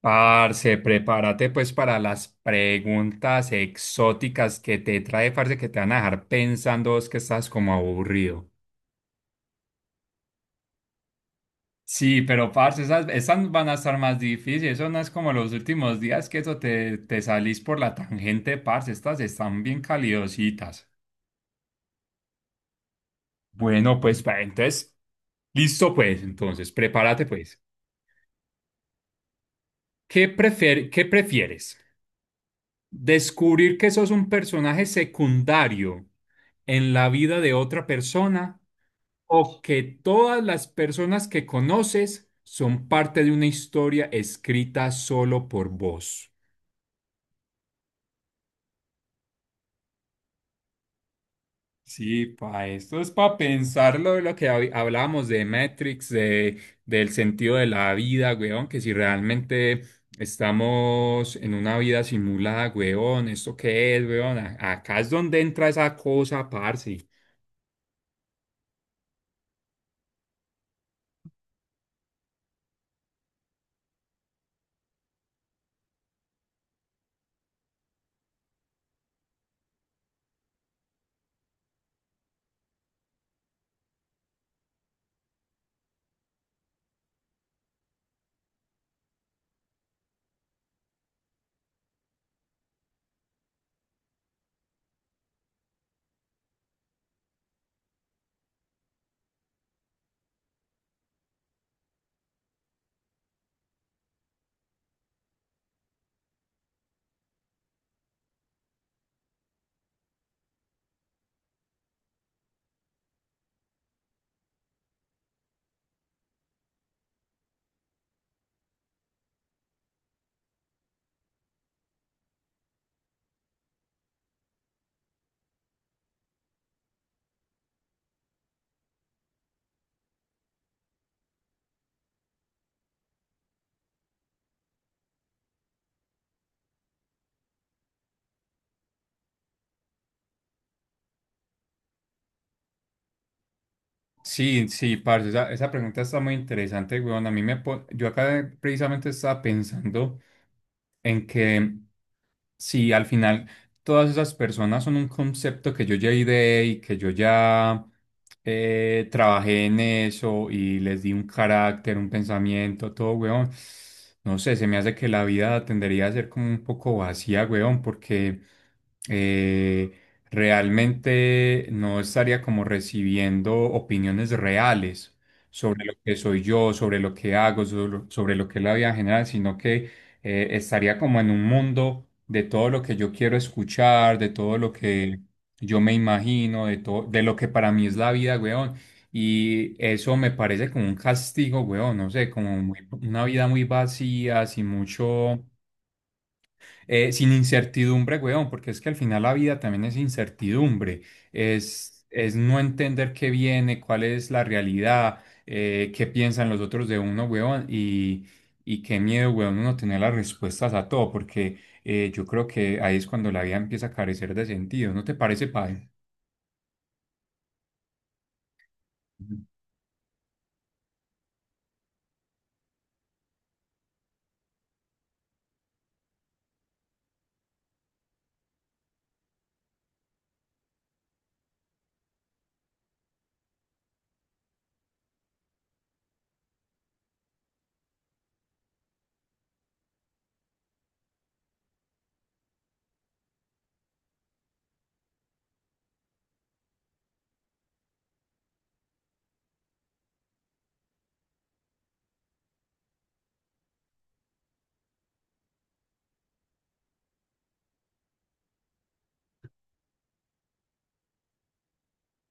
Parce, prepárate pues para las preguntas exóticas que te trae, parce, que te van a dejar pensando vos que estás como aburrido. Sí, pero parce, esas van a estar más difíciles. Eso no es como los últimos días que eso te salís por la tangente, parce. Estas están bien calidositas. Bueno, pues, entonces, listo pues, entonces, prepárate pues. ¿ Qué prefieres? ¿Descubrir que sos un personaje secundario en la vida de otra persona, o que todas las personas que conoces son parte de una historia escrita solo por vos? Sí, pa, esto es para pensarlo, lo que hablábamos de Matrix, de, del sentido de la vida, weón, que si realmente estamos en una vida simulada, weón, ¿esto qué es, weón? Acá es donde entra esa cosa, parce. Sí, sí, parce, esa pregunta está muy interesante, weón. A mí me, yo acá precisamente estaba pensando en que, sí, al final todas esas personas son un concepto que yo ya ideé y que yo ya, trabajé en eso y les di un carácter, un pensamiento, todo, weón. No sé, se me hace que la vida tendería a ser como un poco vacía, weón, porque eh, realmente no estaría como recibiendo opiniones reales sobre lo que soy yo, sobre lo que hago, sobre sobre lo que es la vida en general, sino que estaría como en un mundo de todo lo que yo quiero escuchar, de todo lo que yo me imagino, de todo, de lo que para mí es la vida, weón. Y eso me parece como un castigo, weón, no sé, como muy, una vida muy vacía, sin mucho, sin incertidumbre, weón, porque es que al final la vida también es incertidumbre, es no entender qué viene, cuál es la realidad, qué piensan los otros de uno, weón, y qué miedo, weón, uno tener las respuestas a todo, porque yo creo que ahí es cuando la vida empieza a carecer de sentido, ¿no te parece, padre? Ujú.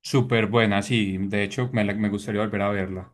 Súper buena, sí, de hecho me, me gustaría volver a verla,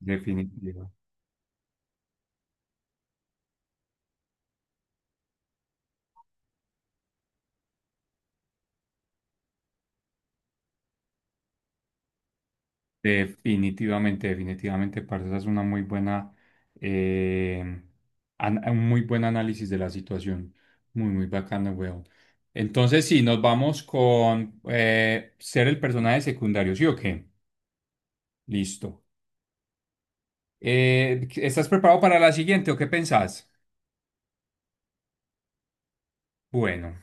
definitiva. Definitivamente, definitivamente, parce, esa es una muy buena, eh, un muy buen análisis de la situación. Muy, muy bacana, weón. Entonces, sí, nos vamos con ser el personaje secundario, ¿sí o qué? Listo. ¿Estás preparado para la siguiente o qué pensás? Bueno,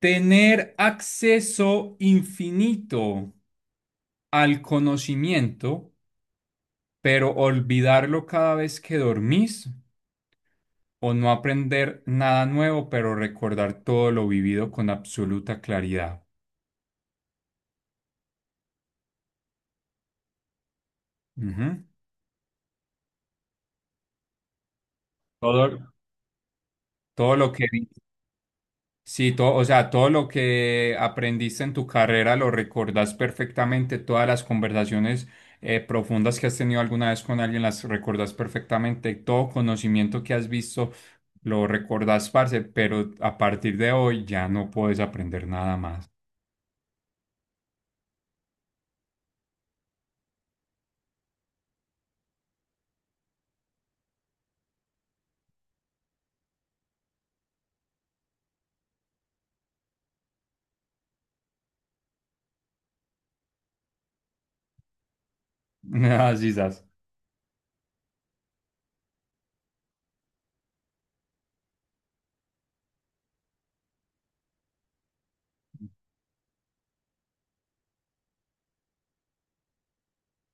tener acceso infinito al conocimiento, pero olvidarlo cada vez que dormís, o no aprender nada nuevo, pero recordar todo lo vivido con absoluta claridad. Ujú. Todo, todo lo que, sí, todo, o sea, todo lo que aprendiste en tu carrera lo recordas perfectamente, todas las conversaciones profundas que has tenido alguna vez con alguien las recordas perfectamente, todo conocimiento que has visto lo recordas, parce, pero a partir de hoy ya no puedes aprender nada más. Así es.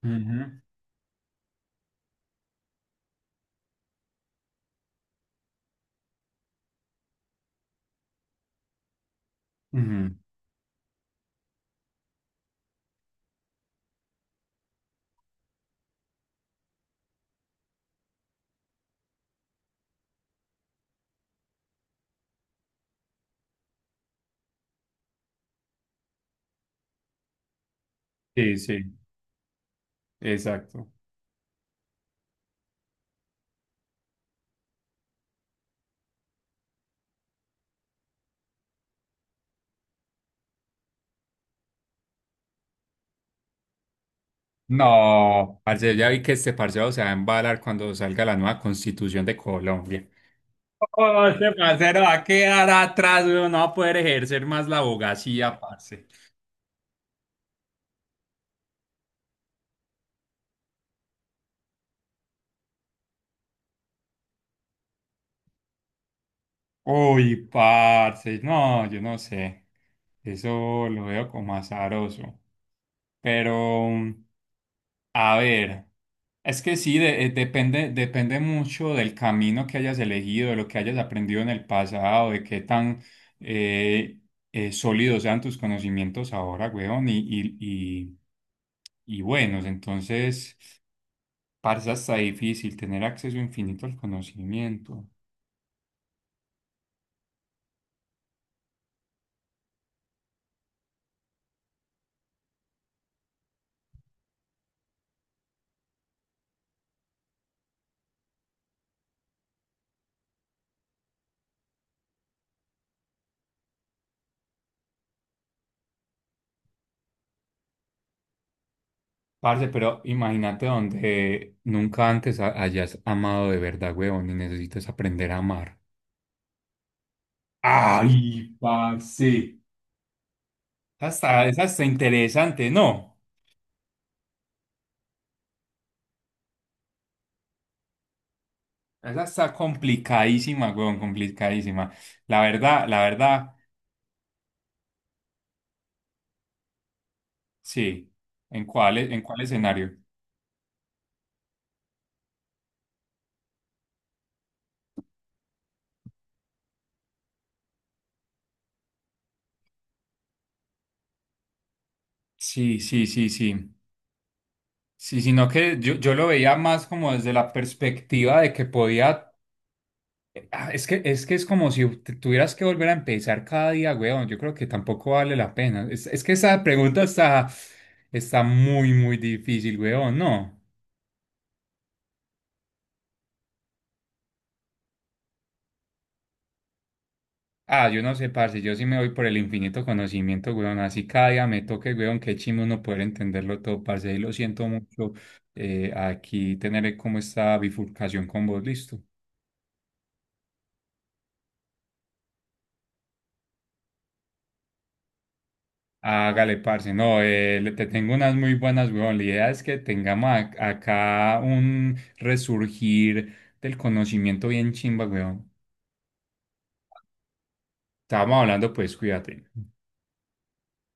Ujú, ujú. Sí, sí, exacto. No, parce, ya vi que este parcero se va a embalar cuando salga la nueva constitución de Colombia. Oh, este parcero va a quedar atrás, weón, no va a poder ejercer más la abogacía, parce. Uy, parce, no, yo no sé. Eso lo veo como azaroso. Pero, mm, a ver, es que sí, depende, depende mucho del camino que hayas elegido, de lo que hayas aprendido en el pasado, de qué tan eh, sólidos sean tus conocimientos ahora, weón, y y buenos. Entonces, parce, hasta difícil tener acceso infinito al conocimiento. Parce, pero imagínate donde nunca antes hayas amado de verdad, weón, y necesitas aprender a amar. Ay, parce. Esa está interesante, no. Esa está complicadísima, weón, complicadísima. La verdad, sí. ¿En cuál, en cuál escenario? Sí, sí, sí, sí. Sí, sino que yo lo veía más como desde la perspectiva de que podía. Ah, es que, es que es como si te tuvieras que volver a empezar cada día, weón. Yo creo que tampoco vale la pena. Es que esa pregunta está, está muy, muy difícil, weón, ¿no? Ah, yo no sé, parce, yo sí me voy por el infinito conocimiento, weón. Así cada día me toque, weón, qué chimbo uno poder entenderlo todo, parce. Y lo siento mucho, aquí tener como esta bifurcación con vos, listo. Hágale, parce. No, te tengo unas muy buenas, weón. La idea es que tengamos acá un resurgir del conocimiento bien chimba, weón. Estábamos hablando, pues, cuídate.